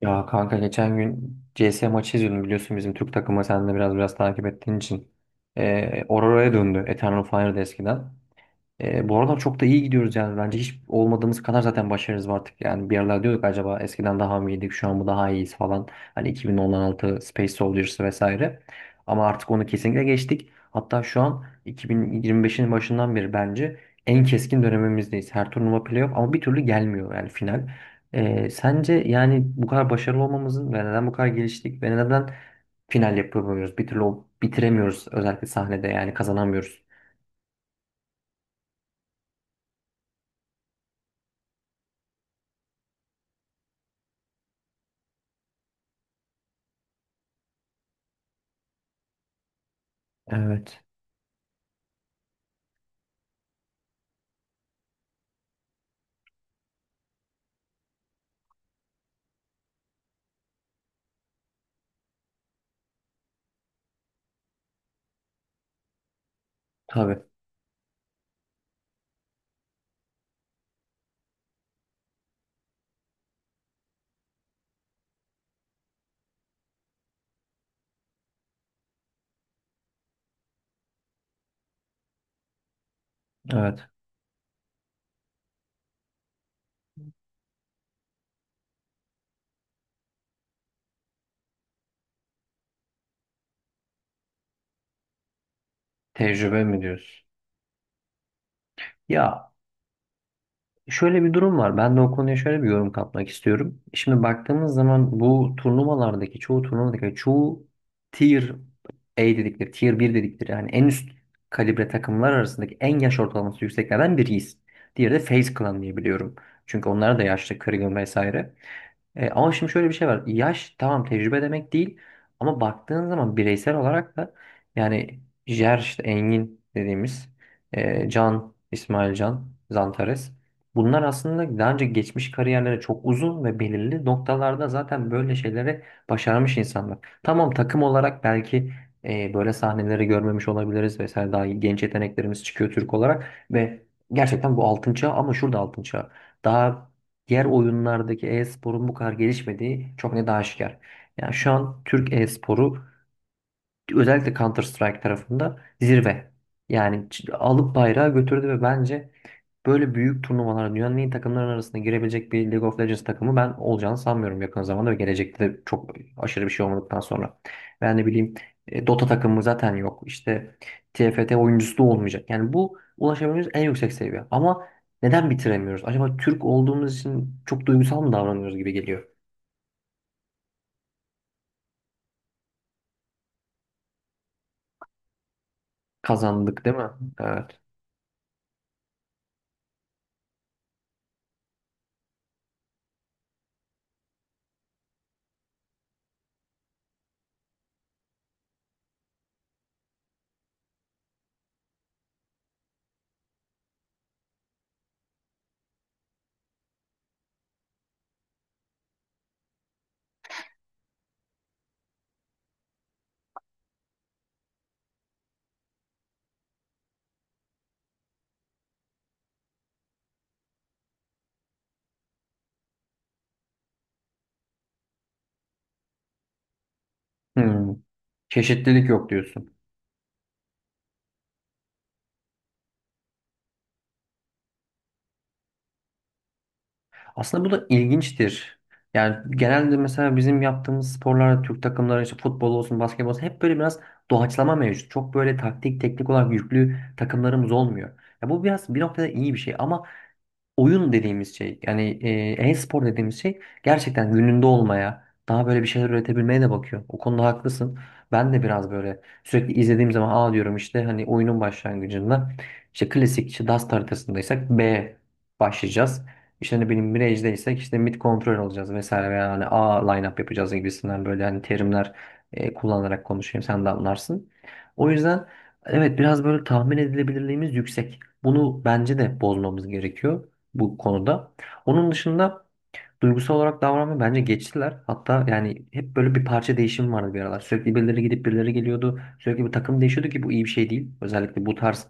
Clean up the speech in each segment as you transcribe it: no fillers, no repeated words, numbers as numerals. Ya kanka geçen gün CS maçı izliyordum biliyorsun bizim Türk takımı sen de biraz takip ettiğin için. Aurora'ya döndü Eternal Fire'da eskiden. Bu aralar çok da iyi gidiyoruz yani. Bence hiç olmadığımız kadar zaten başarımız var artık. Yani bir aralar diyorduk acaba eskiden daha mı iyiydik, şu an mı daha iyiyiz falan. Hani 2016 Space Soldiers vesaire. Ama artık onu kesinlikle geçtik. Hatta şu an 2025'in başından beri bence en keskin dönemimizdeyiz. Her turnuva playoff ama bir türlü gelmiyor yani final. Sence yani bu kadar başarılı olmamızın ve neden bu kadar geliştik ve neden final yapamıyoruz? Bir türlü bitiremiyoruz özellikle sahnede yani kazanamıyoruz. Evet. Tabii. Evet. Tecrübe mi diyorsun? Ya şöyle bir durum var. Ben de o konuya şöyle bir yorum katmak istiyorum. Şimdi baktığımız zaman bu turnuvalardaki çoğu turnuvadaki hani çoğu tier A dedikleri, tier bir dedikleri yani en üst kalibre takımlar arasındaki en yaş ortalaması yükseklerden biriyiz. Diğeri de FaZe Clan diye biliyorum. Çünkü onlar da yaşlı, kırgın vesaire. Ama şimdi şöyle bir şey var. Yaş tamam tecrübe demek değil ama baktığın zaman bireysel olarak da yani Jer işte Engin dediğimiz Can, İsmail Can, Zantares bunlar aslında daha önce geçmiş kariyerleri çok uzun ve belirli noktalarda zaten böyle şeyleri başarmış insanlar. Tamam takım olarak belki böyle sahneleri görmemiş olabiliriz vesaire daha genç yeteneklerimiz çıkıyor Türk olarak ve gerçekten bu altın çağı ama şurada altın çağı. Daha diğer oyunlardaki e-sporun bu kadar gelişmediği çok net aşikar. Yani şu an Türk e-sporu özellikle Counter Strike tarafında zirve. Yani alıp bayrağı götürdü ve bence böyle büyük turnuvalara dünyanın en iyi takımların arasında girebilecek bir League of Legends takımı ben olacağını sanmıyorum yakın zamanda ve gelecekte de çok aşırı bir şey olmadıktan sonra. Ben ne bileyim Dota takımı zaten yok. İşte TFT oyuncusu da olmayacak. Yani bu ulaşabileceğimiz en yüksek seviye. Ama neden bitiremiyoruz? Acaba Türk olduğumuz için çok duygusal mı davranıyoruz gibi geliyor. Kazandık değil mi? Evet. Hmm. Çeşitlilik yok diyorsun. Aslında bu da ilginçtir. Yani genelde mesela bizim yaptığımız sporlarda Türk takımları işte futbol olsun, basketbol olsun hep böyle biraz doğaçlama mevcut. Çok böyle taktik, teknik olarak yüklü takımlarımız olmuyor. Ya bu biraz bir noktada iyi bir şey ama oyun dediğimiz şey yani e-spor dediğimiz şey gerçekten gününde olmaya daha böyle bir şeyler üretebilmeye de bakıyor. O konuda haklısın. Ben de biraz böyle sürekli izlediğim zaman A diyorum işte hani oyunun başlangıcında işte klasik işte Dust haritasındaysak B başlayacağız. İşte hani benim Mirage'deysek işte mid kontrol olacağız vesaire veya hani A line-up yapacağız gibisinden böyle hani terimler kullanarak konuşayım sen de anlarsın. O yüzden evet biraz böyle tahmin edilebilirliğimiz yüksek. Bunu bence de bozmamız gerekiyor bu konuda. Onun dışında duygusal olarak davranmayı bence geçtiler. Hatta yani hep böyle bir parça değişimi vardı bir aralar. Sürekli birileri gidip birileri geliyordu. Sürekli bir takım değişiyordu ki bu iyi bir şey değil. Özellikle bu tarz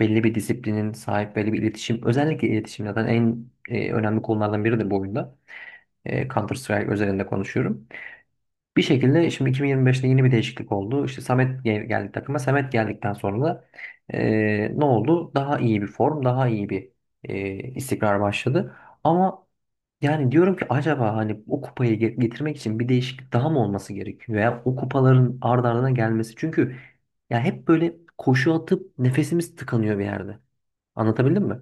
belli bir disiplinin sahip belli bir iletişim. Özellikle iletişim zaten en önemli konulardan biridir bu oyunda. Counter Strike özelinde konuşuyorum. Bir şekilde şimdi 2025'te yeni bir değişiklik oldu. İşte Samet geldi takıma. Samet geldikten sonra da ne oldu? Daha iyi bir form, daha iyi bir istikrar başladı. Ama yani diyorum ki acaba hani o kupayı getirmek için bir değişiklik daha mı olması gerekiyor? Veya o kupaların ard ardına gelmesi. Çünkü ya hep böyle koşu atıp nefesimiz tıkanıyor bir yerde. Anlatabildim mi?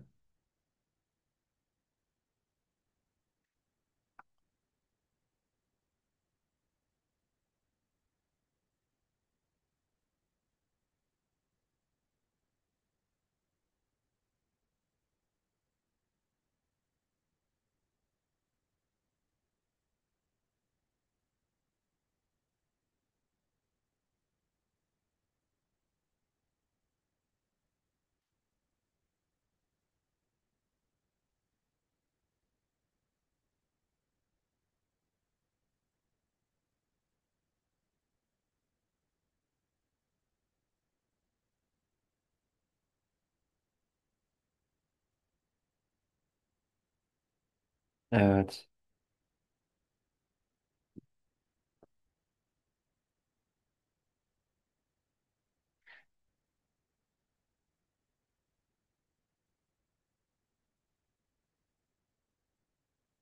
Evet.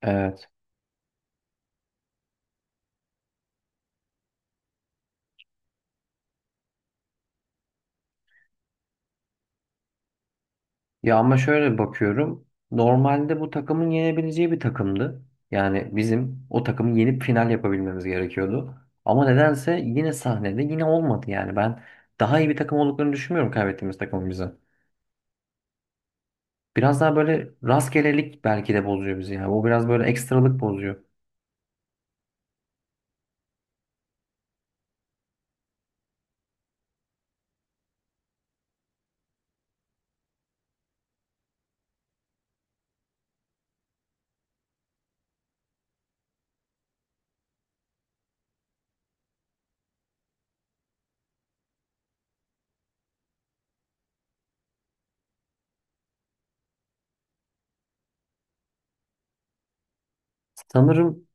Evet. Ya ama şöyle bakıyorum. Normalde bu takımın yenebileceği bir takımdı. Yani bizim o takımı yenip final yapabilmemiz gerekiyordu. Ama nedense yine sahnede yine olmadı yani. Ben daha iyi bir takım olduklarını düşünmüyorum kaybettiğimiz takımın bize. Biraz daha böyle rastgelelik belki de bozuyor bizi ya. Bu biraz böyle ekstralık bozuyor. Sanırım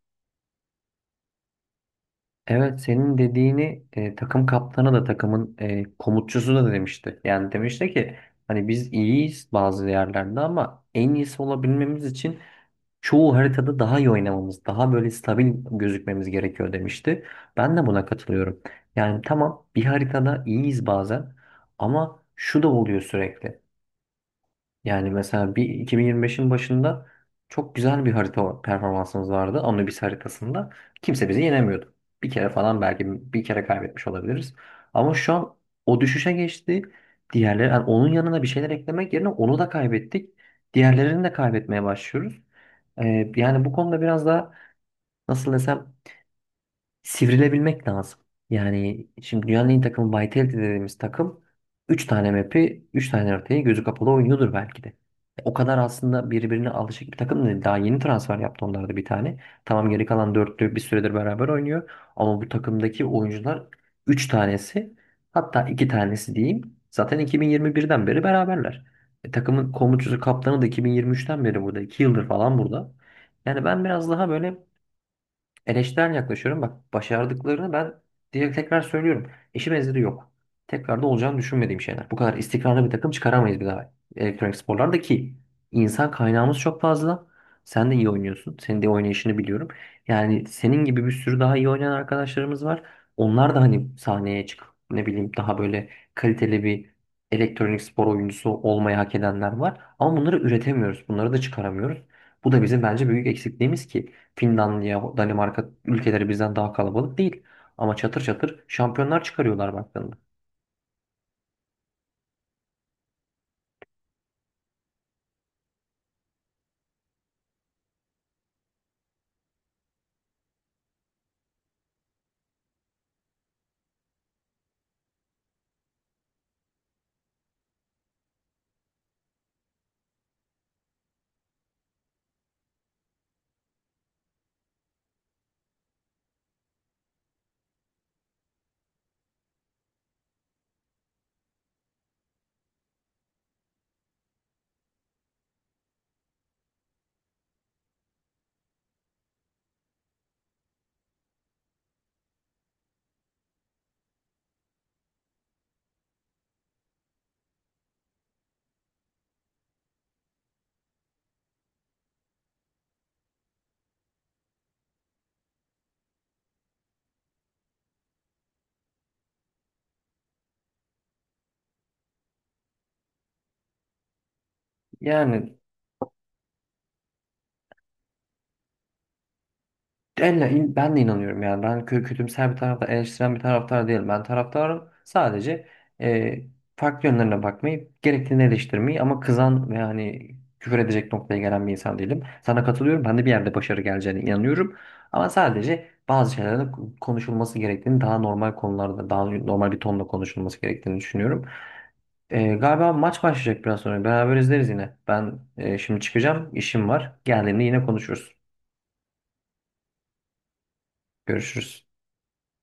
evet senin dediğini takım kaptanı da takımın komutçusu da demişti. Yani demişti ki hani biz iyiyiz bazı yerlerde ama en iyisi olabilmemiz için çoğu haritada daha iyi oynamamız, daha böyle stabil gözükmemiz gerekiyor demişti. Ben de buna katılıyorum. Yani tamam bir haritada iyiyiz bazen ama şu da oluyor sürekli. Yani mesela bir 2025'in başında çok güzel bir harita performansımız vardı. Anubis haritasında. Kimse bizi yenemiyordu. Bir kere falan belki bir kere kaybetmiş olabiliriz. Ama şu an o düşüşe geçti. Diğerleri, yani onun yanına bir şeyler eklemek yerine onu da kaybettik. Diğerlerini de kaybetmeye başlıyoruz. Yani bu konuda biraz daha nasıl desem sivrilebilmek lazım. Yani şimdi dünyanın en iyi takımı Vitality dediğimiz takım 3 tane map'i 3 tane haritayı gözü kapalı oynuyordur belki de. O kadar aslında birbirine alışık bir takım değil. Daha yeni transfer yaptı onlar da bir tane. Tamam geri kalan dörtlü bir süredir beraber oynuyor. Ama bu takımdaki oyuncular 3 tanesi hatta 2 tanesi diyeyim. Zaten 2021'den beri beraberler. Takımın komutucusu kaptanı da 2023'ten beri burada. 2 yıldır falan burada. Yani ben biraz daha böyle eleştirel yaklaşıyorum. Bak başardıklarını ben direkt tekrar söylüyorum. Eşi benzeri yok. Tekrar da olacağını düşünmediğim şeyler. Bu kadar istikrarlı bir takım çıkaramayız bir daha elektronik sporlarda ki insan kaynağımız çok fazla. Sen de iyi oynuyorsun. Senin de oynayışını biliyorum. Yani senin gibi bir sürü daha iyi oynayan arkadaşlarımız var. Onlar da hani sahneye çıkıp ne bileyim daha böyle kaliteli bir elektronik spor oyuncusu olmayı hak edenler var. Ama bunları üretemiyoruz. Bunları da çıkaramıyoruz. Bu da bizim bence büyük eksikliğimiz ki Finlandiya, Danimarka ülkeleri bizden daha kalabalık değil. Ama çatır çatır şampiyonlar çıkarıyorlar baktığında. Yani ben de inanıyorum yani. Ben kötümser bir taraftar, eleştiren bir taraftar değilim. Ben taraftarım sadece e, farklı yönlerine bakmayı, gerektiğini eleştirmeyi ama kızan ve hani küfür edecek noktaya gelen bir insan değilim. Sana katılıyorum. Ben de bir yerde başarı geleceğine inanıyorum. Ama sadece bazı şeylerin konuşulması gerektiğini, daha normal konularda, daha normal bir tonla konuşulması gerektiğini düşünüyorum. Galiba maç başlayacak biraz sonra. Beraber izleriz yine. Ben şimdi çıkacağım. İşim var. Geldiğimde yine konuşuruz. Görüşürüz.